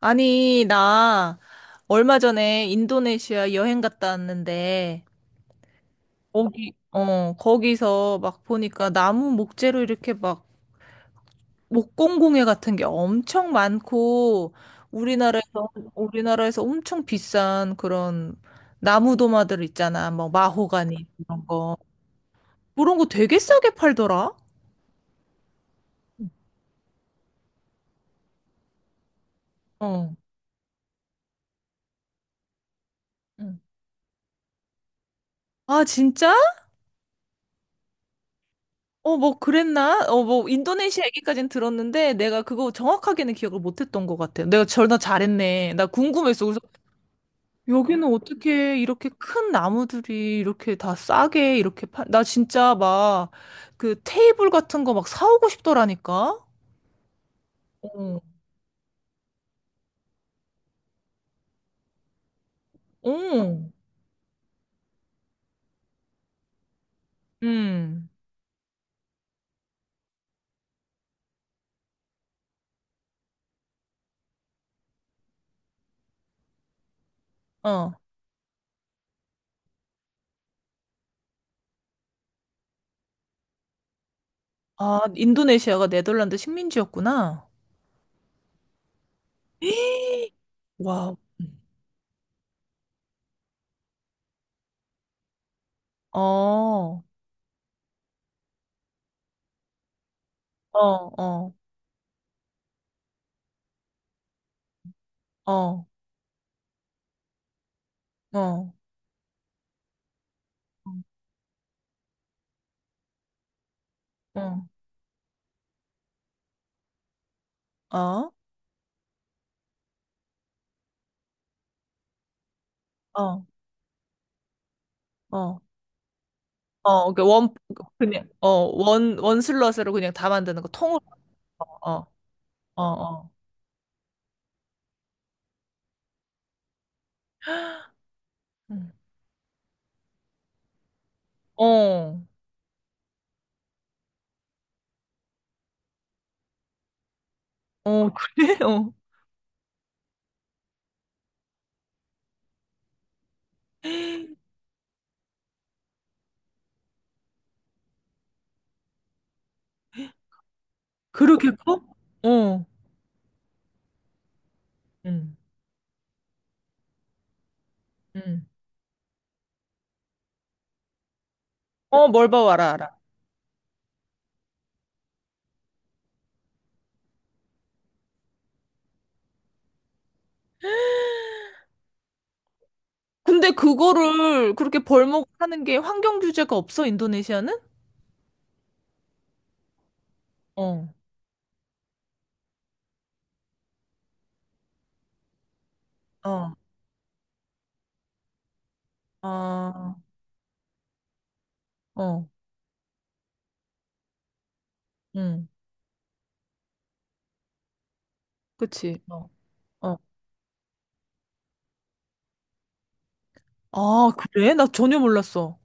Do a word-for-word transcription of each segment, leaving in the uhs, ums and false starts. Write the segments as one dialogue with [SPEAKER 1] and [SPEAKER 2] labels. [SPEAKER 1] 아니, 나 얼마 전에 인도네시아 여행 갔다 왔는데, 거기, 어, 거기서 막 보니까 나무 목재로 이렇게 막 목공공예 같은 게 엄청 많고, 우리나라에서, 우리나라에서 엄청 비싼 그런 나무 도마들 있잖아. 뭐, 마호가니, 이런 거. 그런 거 되게 싸게 팔더라? 어. 응. 아, 진짜? 어, 뭐 그랬나? 어, 뭐 인도네시아 얘기까지는 들었는데 내가 그거 정확하게는 기억을 못했던 것 같아. 내가 전화 잘했네. 나 궁금했어. 그래서 여기는 어떻게 이렇게 큰 나무들이 이렇게 다 싸게 이렇게 파... 나 진짜 막 그 테이블 같은 거 막 사오고 싶더라니까. 어, 어, 음, 어. 아, 인도네시아가 네덜란드 식민지였구나. 와, 어, 어, 어, 어, 어, 어, 어. 어. 어, 어, 그 원, 그냥, 어, 원, 원 슬롯으로 그냥 다 만드는 거 통으로, 어, 어, 어, 음. 어, 어, 그래? 어. 그렇게 커? 어, 음, 음. 어, 뭘 봐, 와라, 알아. 근데 그거를 그렇게 벌목 하는 게 환경 규제가 없어, 인도네시아는? 어, 어, 아, 어, 응, 그치. 어, 어. 아, 그래? 나 전혀 몰랐어.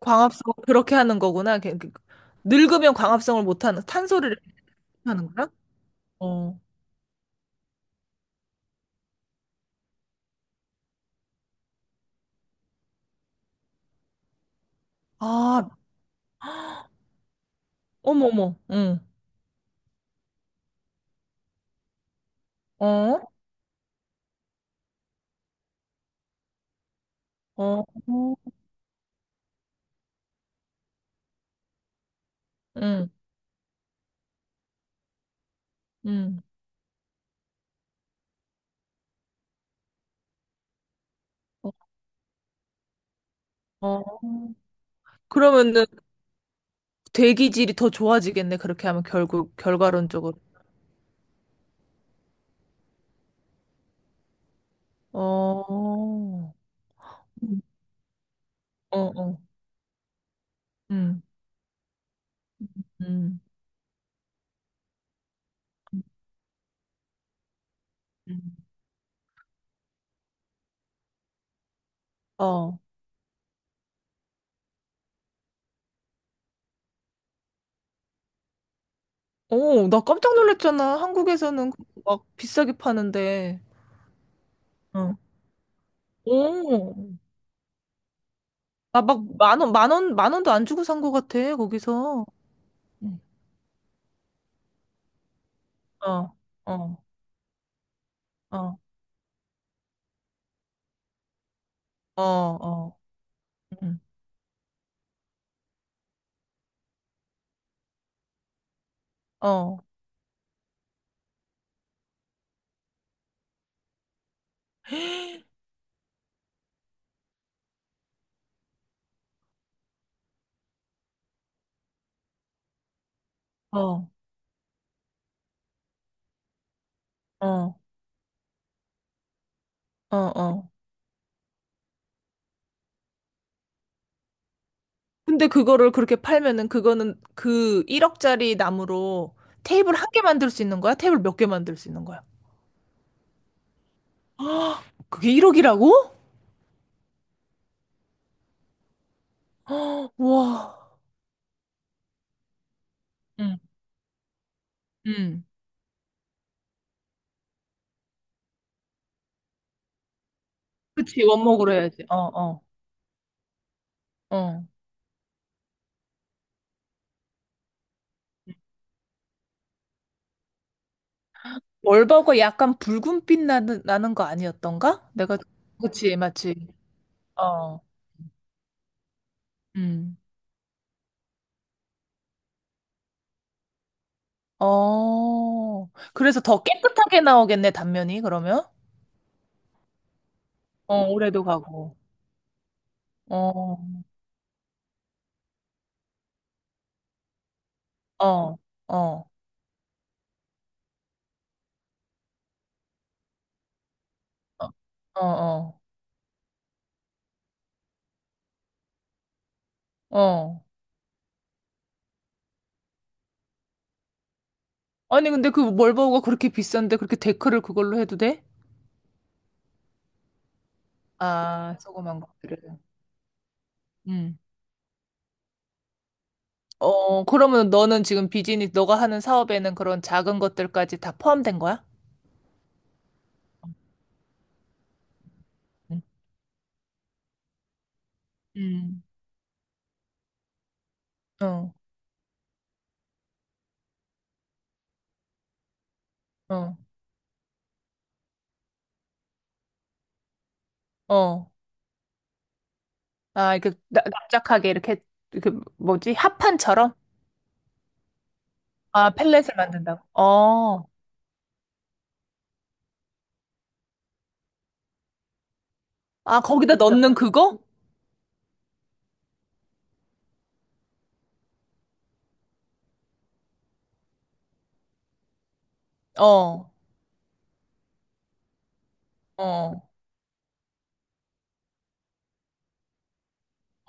[SPEAKER 1] 광합성 그렇게 하는 거구나. 그- 그- 그, 늙으면 광합성을 못하는, 탄소를 이렇게 하는 거야? 어. 아, 어머머, 응. 어? 어, 응, 응. 어. 그러면은 대기질이 더 좋아지겠네. 그렇게 하면 결국, 결과론적으로. 어. 음. 어, 어. 음, 음. 음. 어. 오, 나 깜짝 놀랐잖아. 한국에서는 그거 막 비싸게 파는데. 어. 오. 나 막 만 원, 만 원, 만 원도 안 주고 산 거 같아, 거기서. 응. 어, 어, 어, 어, 어. 응. 어. 어, 어, 어, 어. 근데 그거를 그렇게 팔면은 그거는 그 일억짜리 나무로 테이블 한 개 만들 수 있는 거야? 테이블 몇 개 만들 수 있는 거야? 아, 그게 일억이라고? 와. 응, 응. 그치, 원목으로 해야지. 어, 어, 어. 월버거 약간 붉은빛 나는, 나는 거 아니었던가? 내가. 그치, 맞지. 어, 음. 어. 그래서 더 깨끗하게 나오겠네, 단면이, 그러면? 어, 올해도 가고. 어, 어, 어. 어, 어, 어. 아니, 근데 그 멀버우가 그렇게 비싼데 그렇게 데크를 그걸로 해도 돼? 아, 조그만 것들을. 음. 어, 그러면 너는 지금 비즈니스, 너가 하는 사업에는 그런 작은 것들까지 다 포함된 거야? 응. 음. 어, 어, 어. 아, 이렇게 나- 납작하게 이렇게, 그 뭐지? 합판처럼? 아, 펠렛을 만든다고. 어. 아, 거기다 넣는 그거? 어, 어.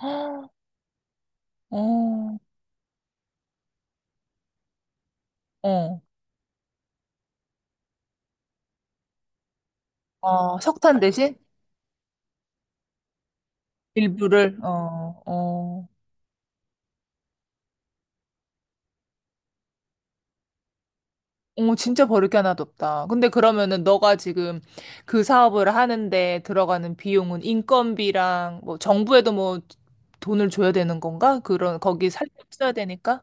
[SPEAKER 1] 헉, 어, 어. 어, 석탄 대신? 일부를 어, 어. 어, 진짜 버릴 게 하나도 없다. 근데 그러면은 너가 지금 그 사업을 하는데 들어가는 비용은 인건비랑 뭐 정부에도 뭐 돈을 줘야 되는 건가? 그런 거기 살짝 써야 되니까.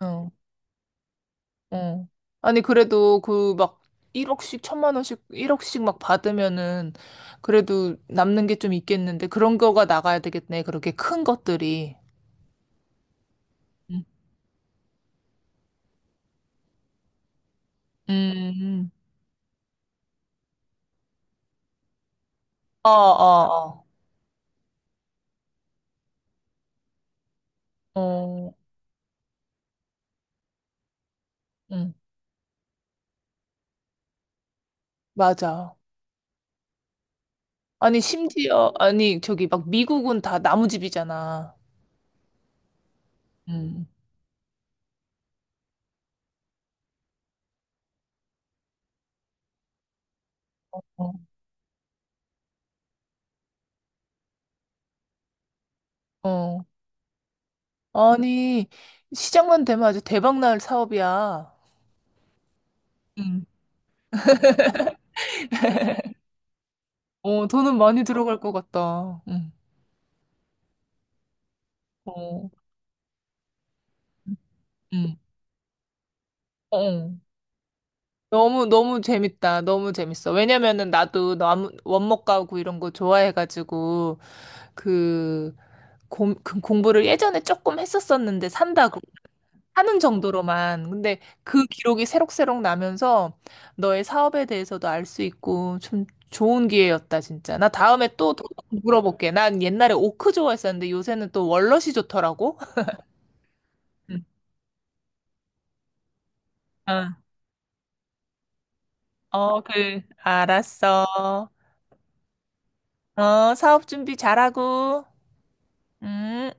[SPEAKER 1] 어, 어. 아니 그래도 그 막 일억씩 천만 원씩 일억씩 막 받으면은 그래도 남는 게 좀 있겠는데 그런 거가 나가야 되겠네. 그렇게 큰 것들이. 음. 음. 어, 어, 어. 어. 응. 맞아. 아니, 심지어, 아니, 저기 막 미국은 다 나무집이잖아. 음. 어. 어. 아니, 시작만 되면 아주 대박 날 사업이야. 음. 어, 돈은 많이 들어갈 것 같다. 응. 어. 음. 어. 너무, 너무 재밌다. 너무 재밌어. 왜냐면은 나도 나무, 원목 가구 이런 거 좋아해가지고, 그, 공, 그 공부를 예전에 조금 했었었는데 산다고. 하는 정도로만. 근데 그 기록이 새록새록 나면서 너의 사업에 대해서도 알 수 있고 참 좋은 기회였다, 진짜. 나 다음에 또 더 물어볼게. 난 옛날에 오크 좋아했었는데 요새는 또 월넛이 좋더라고. 응. 어, 어, 그, 알았어. 어, 사업 준비 잘하고. 음.